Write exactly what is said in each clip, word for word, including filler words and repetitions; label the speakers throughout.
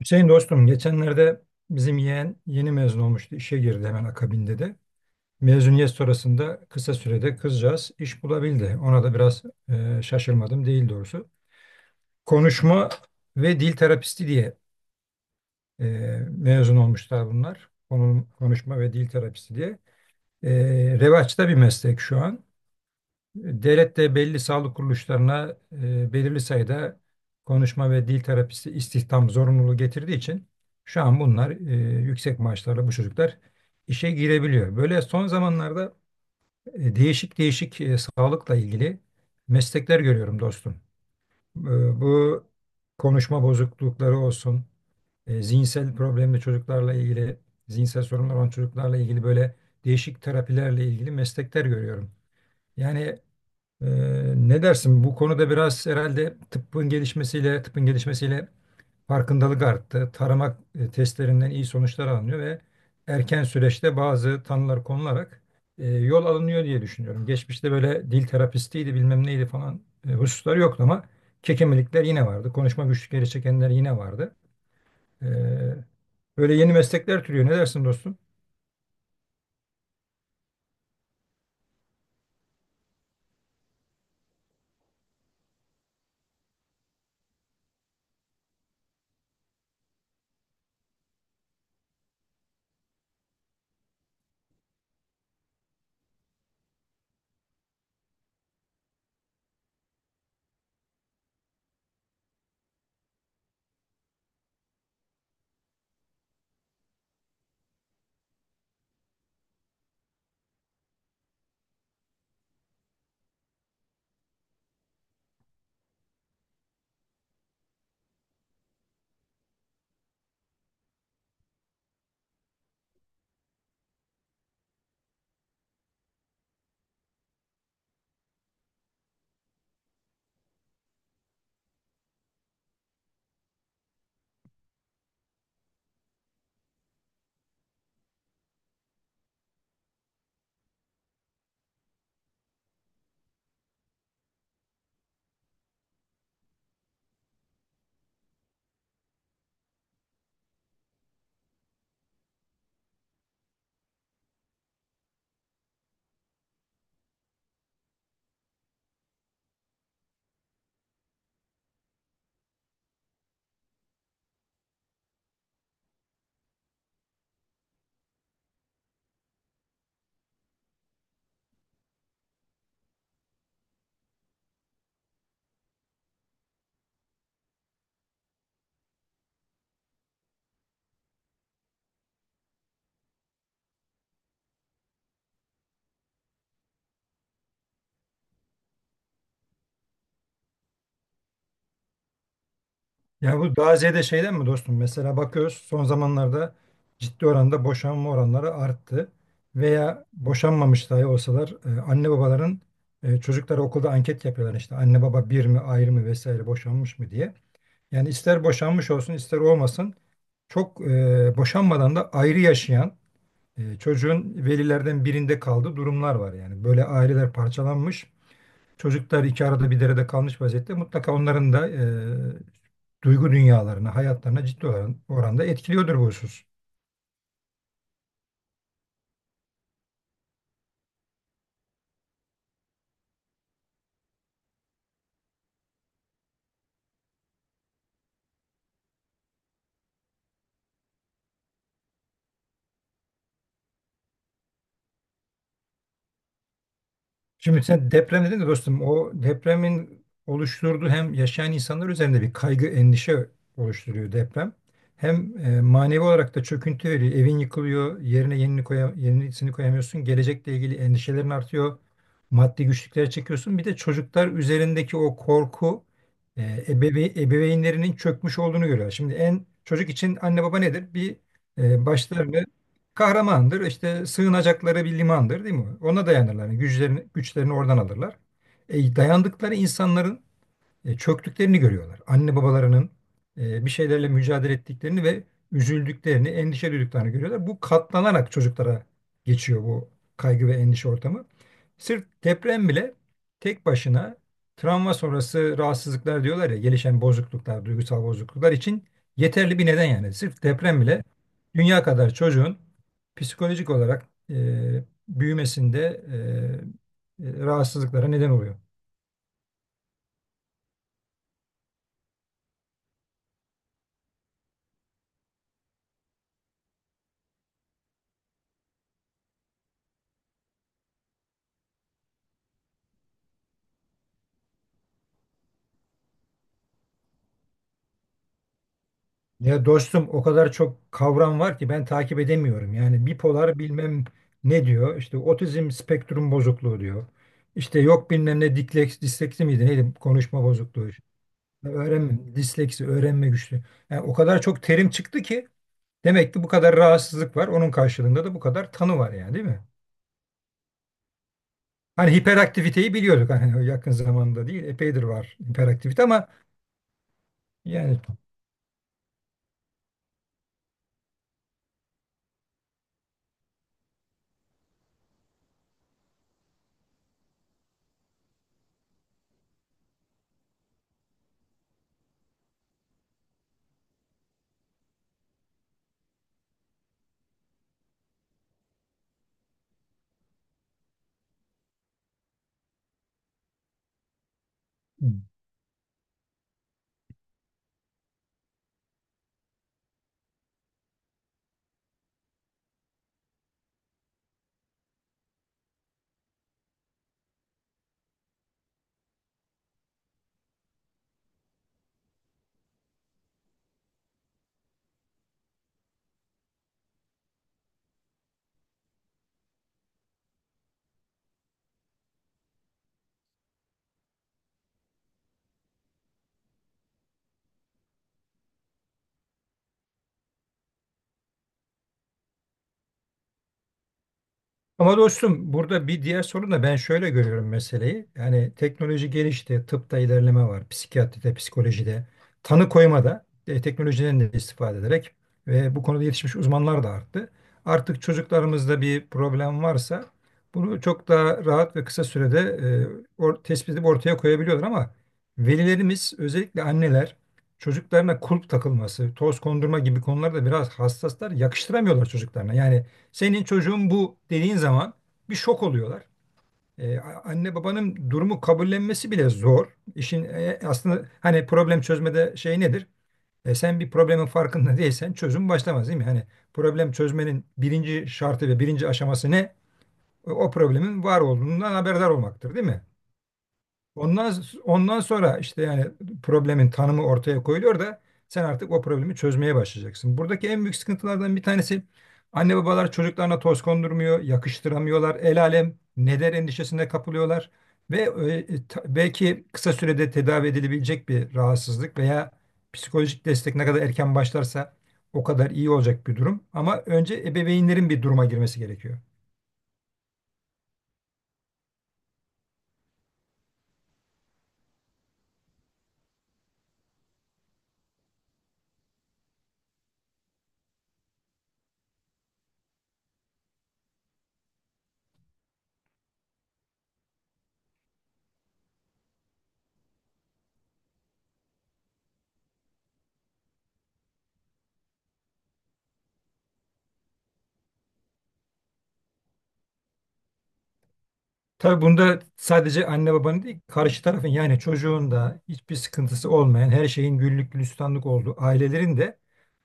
Speaker 1: Hüseyin dostum, geçenlerde bizim yeğen yeni mezun olmuştu. İşe girdi hemen akabinde de. Mezuniyet sonrasında kısa sürede kızcağız iş bulabildi. Ona da biraz e, şaşırmadım değil doğrusu. Konuşma ve dil terapisti diye e, mezun olmuşlar bunlar. Konum- konuşma ve dil terapisti diye. E, revaçta bir meslek şu an. Devlette belli sağlık kuruluşlarına e, belirli sayıda konuşma ve dil terapisi istihdam zorunluluğu getirdiği için şu an bunlar e, yüksek maaşlarla bu çocuklar işe girebiliyor. Böyle son zamanlarda e, değişik değişik e, sağlıkla ilgili meslekler görüyorum dostum. E, bu konuşma bozuklukları olsun, e, zihinsel problemli çocuklarla ilgili, zihinsel sorunlar olan çocuklarla ilgili böyle değişik terapilerle ilgili meslekler görüyorum. Yani ee, ne dersin? Bu konuda biraz herhalde tıbbın gelişmesiyle, tıbbın gelişmesiyle farkındalık arttı. Tarama e, testlerinden iyi sonuçlar alınıyor ve erken süreçte bazı tanılar konularak e, yol alınıyor diye düşünüyorum. Geçmişte böyle dil terapistiydi, bilmem neydi falan e, hususlar yoktu ama kekemelikler yine vardı. Konuşma güçlükleri çekenler yine vardı. Ee, böyle yeni meslekler türüyor. Ne dersin, dostum? Ya bu daha şeyden mi, dostum? Mesela bakıyoruz, son zamanlarda ciddi oranda boşanma oranları arttı. Veya boşanmamış dahi olsalar e, anne babaların e, çocuklara okulda anket yapıyorlar işte. Anne baba bir mi, ayrı mı, vesaire boşanmış mı diye. Yani ister boşanmış olsun ister olmasın çok e, boşanmadan da ayrı yaşayan e, çocuğun velilerden birinde kaldığı durumlar var. Yani böyle aileler parçalanmış. Çocuklar iki arada bir derede kalmış vaziyette. Mutlaka onların da e, duygu dünyalarına, hayatlarına ciddi oran- oranda etkiliyordur bu husus. Şimdi sen deprem dedin de dostum, o depremin oluşturduğu hem yaşayan insanlar üzerinde bir kaygı, endişe oluşturuyor deprem. Hem e, manevi olarak da çöküntü veriyor. Evin yıkılıyor, yerine yenini koya, yenisini koyamıyorsun. Gelecekle ilgili endişelerin artıyor. Maddi güçlüklere çekiyorsun. Bir de çocuklar üzerindeki o korku, e, ebeve ebeveynlerinin çökmüş olduğunu görüyor. Şimdi en çocuk için anne baba nedir? Bir e, başlarını kahramandır. İşte sığınacakları bir limandır, değil mi? Ona dayanırlar. Yani güçlerini, güçlerini oradan alırlar. E, dayandıkları insanların e, çöktüklerini görüyorlar. Anne babalarının e, bir şeylerle mücadele ettiklerini ve üzüldüklerini, endişe duyduklarını görüyorlar. Bu katlanarak çocuklara geçiyor bu kaygı ve endişe ortamı. Sırf deprem bile tek başına travma sonrası rahatsızlıklar diyorlar ya, gelişen bozukluklar, duygusal bozukluklar için yeterli bir neden yani. Sırf deprem bile dünya kadar çocuğun psikolojik olarak e, büyümesinde e, e, rahatsızlıklara neden oluyor. Ya dostum, o kadar çok kavram var ki ben takip edemiyorum. Yani bipolar bilmem ne diyor. İşte otizm spektrum bozukluğu diyor. İşte yok bilmem ne disleks, disleksi miydi neydi konuşma bozukluğu. Öğrenme, disleksi, öğrenme güçlüğü. Yani o kadar çok terim çıktı ki demek ki bu kadar rahatsızlık var. Onun karşılığında da bu kadar tanı var yani, değil mi? Hani hiperaktiviteyi biliyorduk, hani yakın zamanda değil, epeydir var hiperaktivite ama yani. Ama dostum, burada bir diğer sorun da ben şöyle görüyorum meseleyi. Yani teknoloji gelişti, tıpta ilerleme var, psikiyatride, psikolojide, tanı koymada e, teknolojiden de istifade ederek ve bu konuda yetişmiş uzmanlar da arttı. Artık çocuklarımızda bir problem varsa bunu çok daha rahat ve kısa sürede e, or- tespit edip ortaya koyabiliyorlar, ama velilerimiz, özellikle anneler, çocuklarına kulp takılması, toz kondurma gibi konularda biraz hassaslar, yakıştıramıyorlar çocuklarına. Yani senin çocuğun bu dediğin zaman bir şok oluyorlar. Ee, anne babanın durumu kabullenmesi bile zor. İşin e, aslında hani problem çözmede şey nedir? E, sen bir problemin farkında değilsen çözüm başlamaz, değil mi? Hani problem çözmenin birinci şartı ve birinci aşaması ne? O o problemin var olduğundan haberdar olmaktır, değil mi? Ondan ondan sonra işte yani problemin tanımı ortaya koyuluyor da sen artık o problemi çözmeye başlayacaksın. Buradaki en büyük sıkıntılardan bir tanesi, anne babalar çocuklarına toz kondurmuyor, yakıştıramıyorlar. El alem ne der endişesine kapılıyorlar ve e, e, ta- belki kısa sürede tedavi edilebilecek bir rahatsızlık veya psikolojik destek ne kadar erken başlarsa o kadar iyi olacak bir durum. Ama önce ebeveynlerin bir duruma girmesi gerekiyor. Tabii bunda sadece anne babanın değil, karşı tarafın, yani çocuğun da hiçbir sıkıntısı olmayan, her şeyin güllük gülistanlık olduğu ailelerin de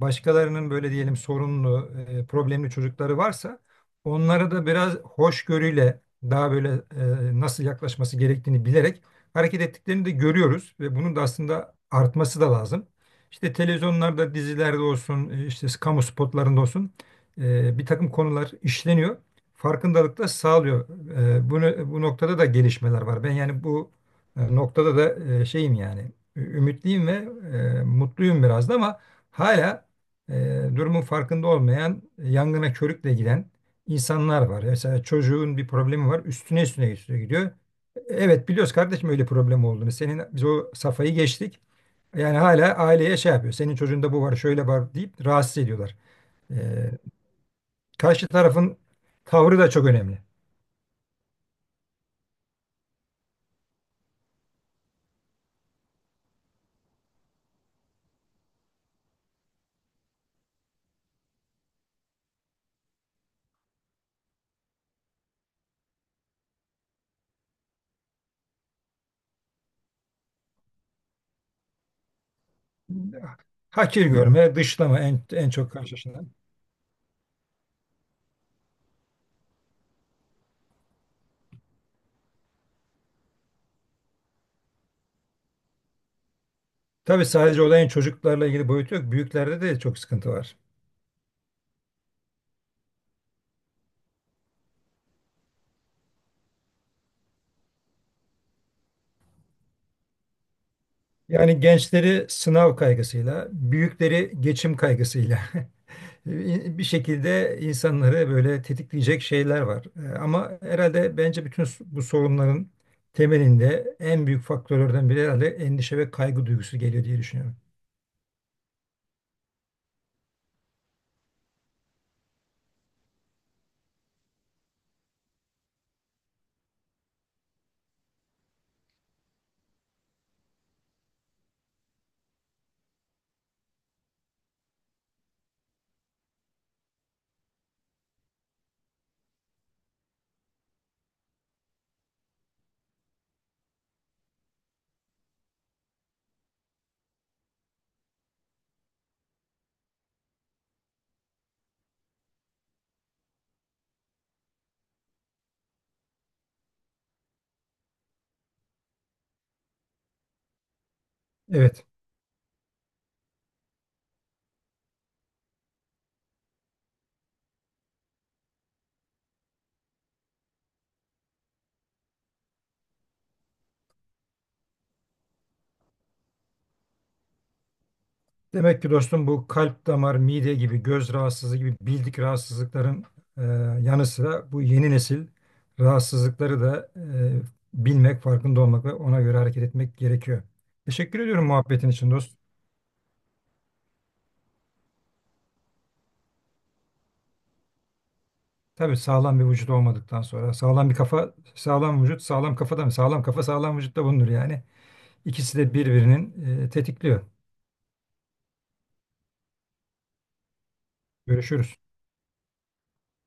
Speaker 1: başkalarının böyle diyelim sorunlu, e, problemli çocukları varsa onlara da biraz hoşgörüyle daha böyle e, nasıl yaklaşması gerektiğini bilerek hareket ettiklerini de görüyoruz ve bunun da aslında artması da lazım. İşte televizyonlarda, dizilerde olsun, e, işte kamu spotlarında olsun, e, bir takım konular işleniyor, farkındalıkla sağlıyor. E, bunu, bu noktada da gelişmeler var. Ben yani bu e, noktada da e, şeyim, yani ü- ümitliyim ve e, mutluyum biraz da, ama hala e, durumun farkında olmayan, yangına körükle giden insanlar var. Mesela çocuğun bir problemi var, üstüne üstüne üstüne gidiyor. Evet, biliyoruz kardeşim, öyle problem olduğunu. Senin biz o safhayı geçtik. Yani hala aileye şey yapıyor. Senin çocuğunda bu var, şöyle var deyip rahatsız ediyorlar. E, karşı tarafın tavrı da çok önemli. Hakir görme, dışlama en, en çok karşılaşılan. Tabii sadece olayın çocuklarla ilgili boyutu yok. Büyüklerde de çok sıkıntı var. Yani gençleri sınav kaygısıyla, büyükleri geçim kaygısıyla bir şekilde insanları böyle tetikleyecek şeyler var. Ee, Ama herhalde bence bütün bu sorunların temelinde en büyük faktörlerden biri herhalde endişe ve kaygı duygusu geliyor diye düşünüyorum. Evet. Demek ki dostum, bu kalp damar, mide gibi, göz rahatsızlığı gibi bildik rahatsızlıkların e, yanı sıra bu yeni nesil rahatsızlıkları da e, bilmek, farkında olmak ve ona göre hareket etmek gerekiyor. Teşekkür ediyorum muhabbetin için, dost. Tabii sağlam bir vücut olmadıktan sonra sağlam bir kafa, sağlam vücut, sağlam kafadan, sağlam kafa, sağlam vücutta bulunur yani. İkisi de birbirinin e, tetikliyor. Görüşürüz.